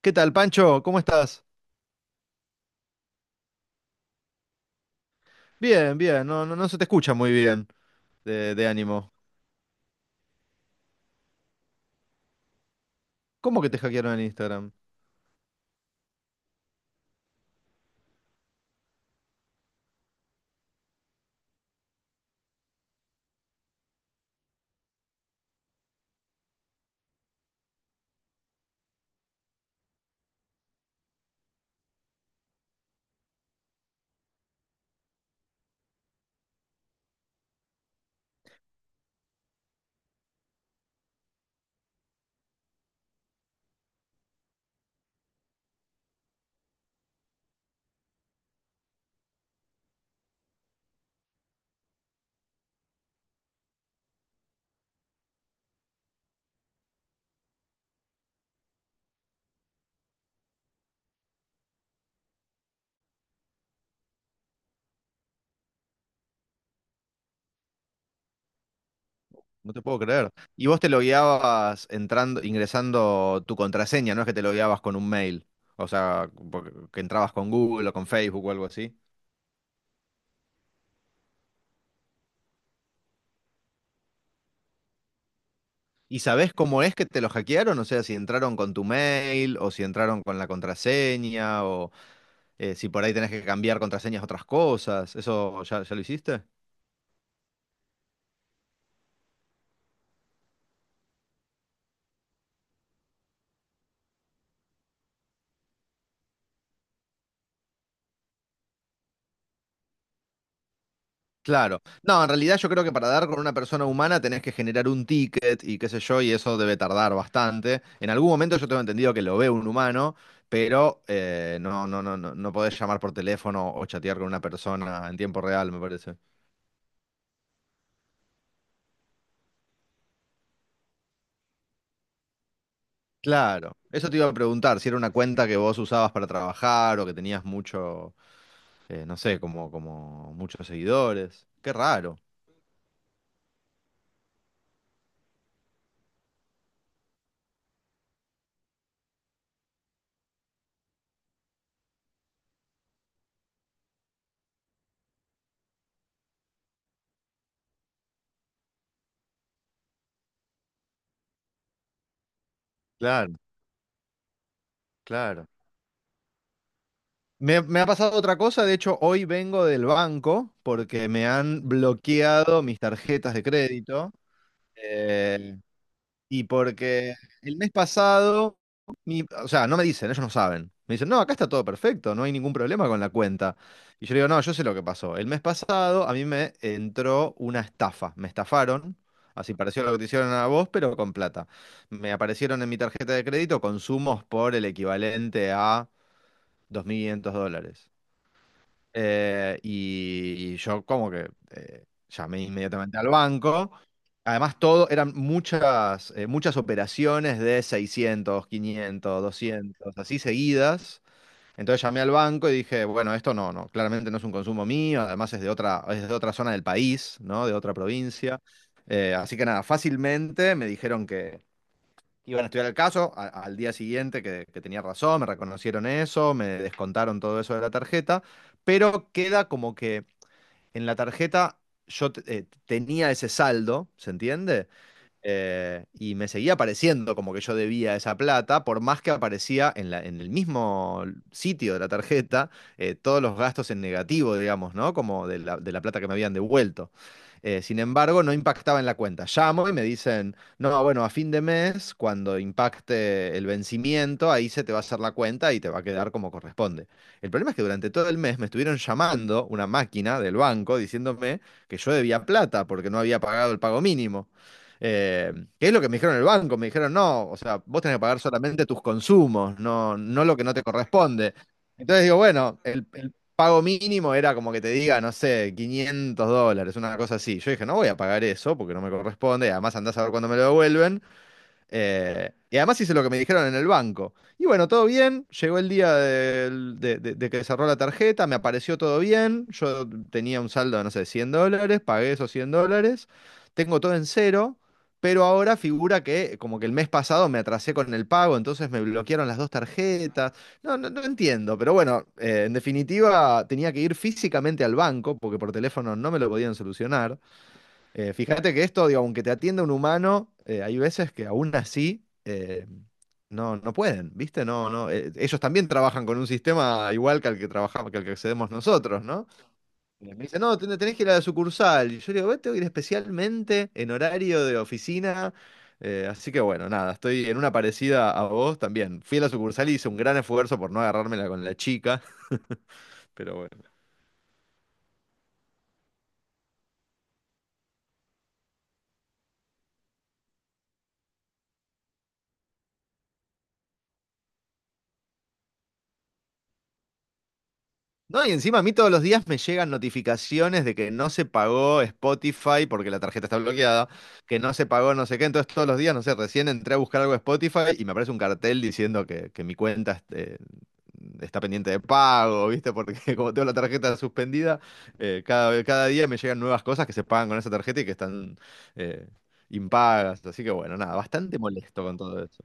¿Qué tal, Pancho? ¿Cómo estás? Bien, bien, no, no, no se te escucha muy bien de ánimo. ¿Cómo que te hackearon en Instagram? No te puedo creer. Y vos te logueabas entrando, ingresando tu contraseña, no es que te logueabas con un mail, o sea, que entrabas con Google o con Facebook o algo así. ¿Y sabés cómo es que te lo hackearon? O sea, si entraron con tu mail o si entraron con la contraseña o si por ahí tenés que cambiar contraseñas a otras cosas. ¿Eso ya, ya lo hiciste? Claro. No, en realidad yo creo que para dar con una persona humana tenés que generar un ticket y qué sé yo, y eso debe tardar bastante. En algún momento yo tengo entendido que lo ve un humano, pero no podés llamar por teléfono o chatear con una persona en tiempo real, me parece. Claro. Eso te iba a preguntar, si era una cuenta que vos usabas para trabajar o que tenías mucho, no sé, como, como muchos seguidores. Qué raro. Claro, claro. Me ha pasado otra cosa, de hecho hoy vengo del banco porque me han bloqueado mis tarjetas de crédito eh, y porque el mes pasado, o sea, no me dicen, ellos no saben. Me dicen, no, acá está todo perfecto, no hay ningún problema con la cuenta. Y yo le digo, no, yo sé lo que pasó. El mes pasado a mí me entró una estafa, me estafaron, así pareció lo que te hicieron a vos, pero con plata. Me aparecieron en mi tarjeta de crédito consumos por el equivalente a 2.500 dólares. Y, yo como que llamé inmediatamente al banco. Además, todo eran muchas, muchas operaciones de 600, 500, 200 así seguidas. Entonces llamé al banco y dije, bueno, esto no, no, claramente no es un consumo mío, además es de otra zona del país, ¿no? De otra provincia. Así que nada, fácilmente me dijeron que iban a estudiar el caso al día siguiente que tenía razón, me reconocieron eso, me descontaron todo eso de la tarjeta, pero queda como que en la tarjeta tenía ese saldo, ¿se entiende? Y me seguía apareciendo como que yo debía esa plata, por más que aparecía en la, en el mismo sitio de la tarjeta todos los gastos en negativo, digamos, ¿no? Como de la plata que me habían devuelto. Sin embargo, no impactaba en la cuenta. Llamo y me dicen, no, bueno, a fin de mes, cuando impacte el vencimiento, ahí se te va a hacer la cuenta y te va a quedar como corresponde. El problema es que durante todo el mes me estuvieron llamando una máquina del banco diciéndome que yo debía plata porque no había pagado el pago mínimo. Eh, que es lo que me dijeron en el banco, me dijeron, no, o sea, vos tenés que pagar solamente tus consumos, no, no lo que no te corresponde. Entonces digo, bueno, el pago mínimo era como que te diga, no sé, 500 dólares, una cosa así. Yo dije, no voy a pagar eso porque no me corresponde, además andás a ver cuándo me lo devuelven. Y además hice lo que me dijeron en el banco. Y bueno, todo bien. Llegó el día de que cerró la tarjeta, me apareció todo bien. Yo tenía un saldo de, no sé, 100 dólares, pagué esos 100 dólares. Tengo todo en cero, pero ahora figura que como que el mes pasado me atrasé con el pago, entonces me bloquearon las dos tarjetas. No, no, no entiendo, pero bueno, en definitiva tenía que ir físicamente al banco porque por teléfono no me lo podían solucionar. Fíjate que esto, digo, aunque te atienda un humano, hay veces que aún así no, no pueden, ¿viste? No, no, ellos también trabajan con un sistema igual que al que trabajamos, que al que accedemos nosotros, ¿no? Y me dicen, no, tenés que ir a la sucursal. Y yo digo, "Bueno, tengo que ir especialmente en horario de oficina. Así que bueno, nada, estoy en una parecida a vos también. Fui a la sucursal y hice un gran esfuerzo por no agarrármela con la chica, pero bueno. No, y encima a mí todos los días me llegan notificaciones de que no se pagó Spotify porque la tarjeta está bloqueada, que no se pagó no sé qué. Entonces todos los días, no sé, recién entré a buscar algo de Spotify y me aparece un cartel diciendo que mi cuenta este, está pendiente de pago, ¿viste? Porque como tengo la tarjeta suspendida, cada, cada día me llegan nuevas cosas que se pagan con esa tarjeta y que están eh, impagas. Así que bueno, nada, bastante molesto con todo eso.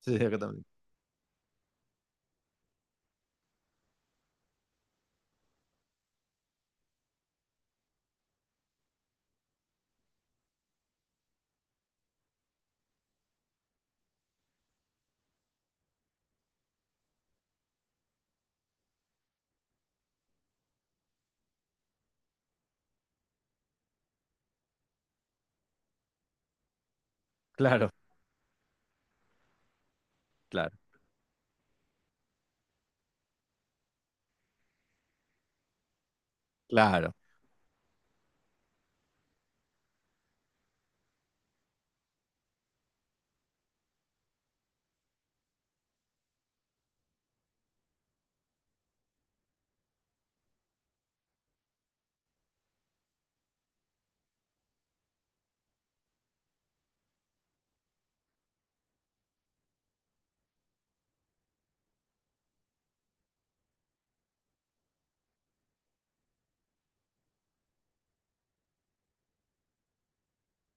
Sí, sí, acá también. Claro, claro, claro,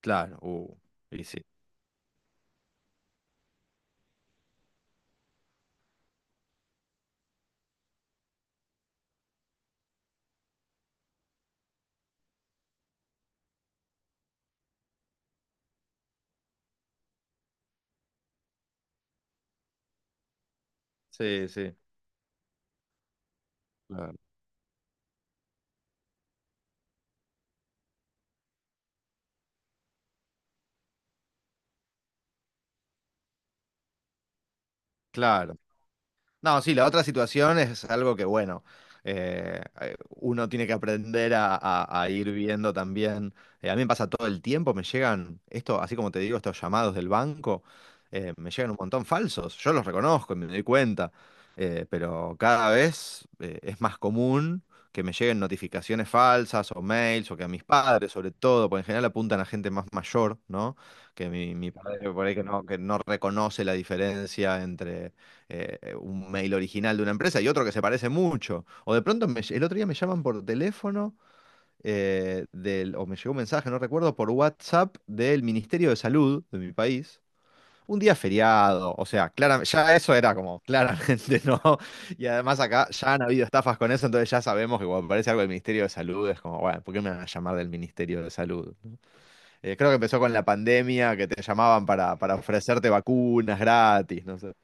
claro. Y sí. Sí, sí. Claro. Claro. No, sí, la otra situación es algo que, bueno, uno tiene que aprender a, a ir viendo también. A mí me pasa todo el tiempo, me llegan, esto, así como te digo, estos llamados del banco, me llegan un montón falsos. Yo los reconozco y me doy cuenta, pero cada vez es más común que me lleguen notificaciones falsas o mails o que a mis padres, sobre todo, porque en general apuntan a gente más mayor, ¿no? Que mi padre por ahí que no reconoce la diferencia entre un mail original de una empresa y otro que se parece mucho. O de pronto el otro día me llaman por teléfono o me llegó un mensaje, no recuerdo, por WhatsApp del Ministerio de Salud de mi país. Un día feriado, o sea, claramente, ya eso era como claramente no. Y además acá ya han habido estafas con eso, entonces ya sabemos que cuando aparece algo del Ministerio de Salud es como, bueno, ¿por qué me van a llamar del Ministerio de Salud? Creo que empezó con la pandemia, que te llamaban para ofrecerte vacunas gratis, no sé.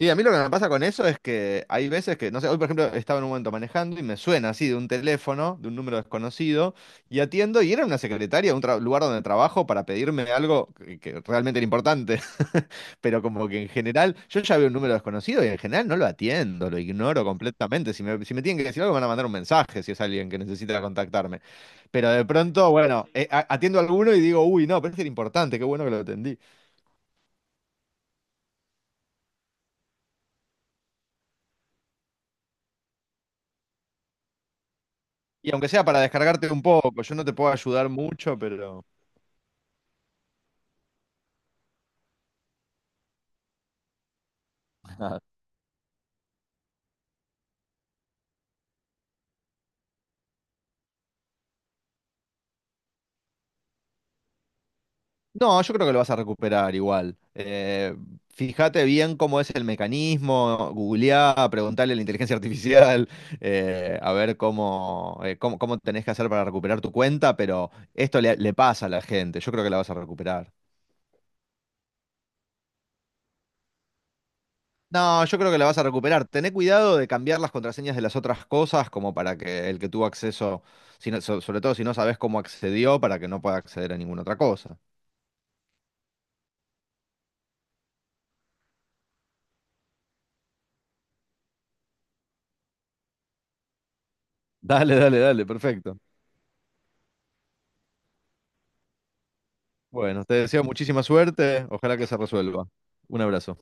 Sí, a mí lo que me pasa con eso es que hay veces que, no sé, hoy por ejemplo estaba en un momento manejando y me suena así de un teléfono, de un número desconocido, y atiendo y era una secretaria, un lugar donde trabajo para pedirme algo que realmente era importante. Pero como que en general, yo ya veo un número desconocido y en general no lo atiendo, lo ignoro completamente. Si me, si me tienen que decir algo, me van a mandar un mensaje si es alguien que necesita contactarme. Pero de pronto, bueno, atiendo a alguno y digo, uy, no, parece que era importante, qué bueno que lo atendí. Y aunque sea para descargarte un poco, yo no te puedo ayudar mucho, pero... No, yo creo que lo vas a recuperar igual. Fíjate bien cómo es el mecanismo, googleá, preguntale a la inteligencia artificial, a ver cómo, cómo, cómo tenés que hacer para recuperar tu cuenta, pero esto le, le pasa a la gente, yo creo que la vas a recuperar. No, yo creo que la vas a recuperar. Tené cuidado de cambiar las contraseñas de las otras cosas como para que el que tuvo acceso, sobre todo si no sabes cómo accedió, para que no pueda acceder a ninguna otra cosa. Dale, dale, dale, perfecto. Bueno, te deseo muchísima suerte, ojalá que se resuelva. Un abrazo.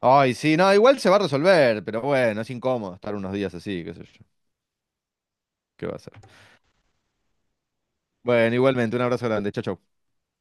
Ay, sí, no, igual se va a resolver, pero bueno, es incómodo estar unos días así, qué sé yo. ¿Qué va a ser? Bueno, igualmente, un abrazo grande, chao, chau. Chau.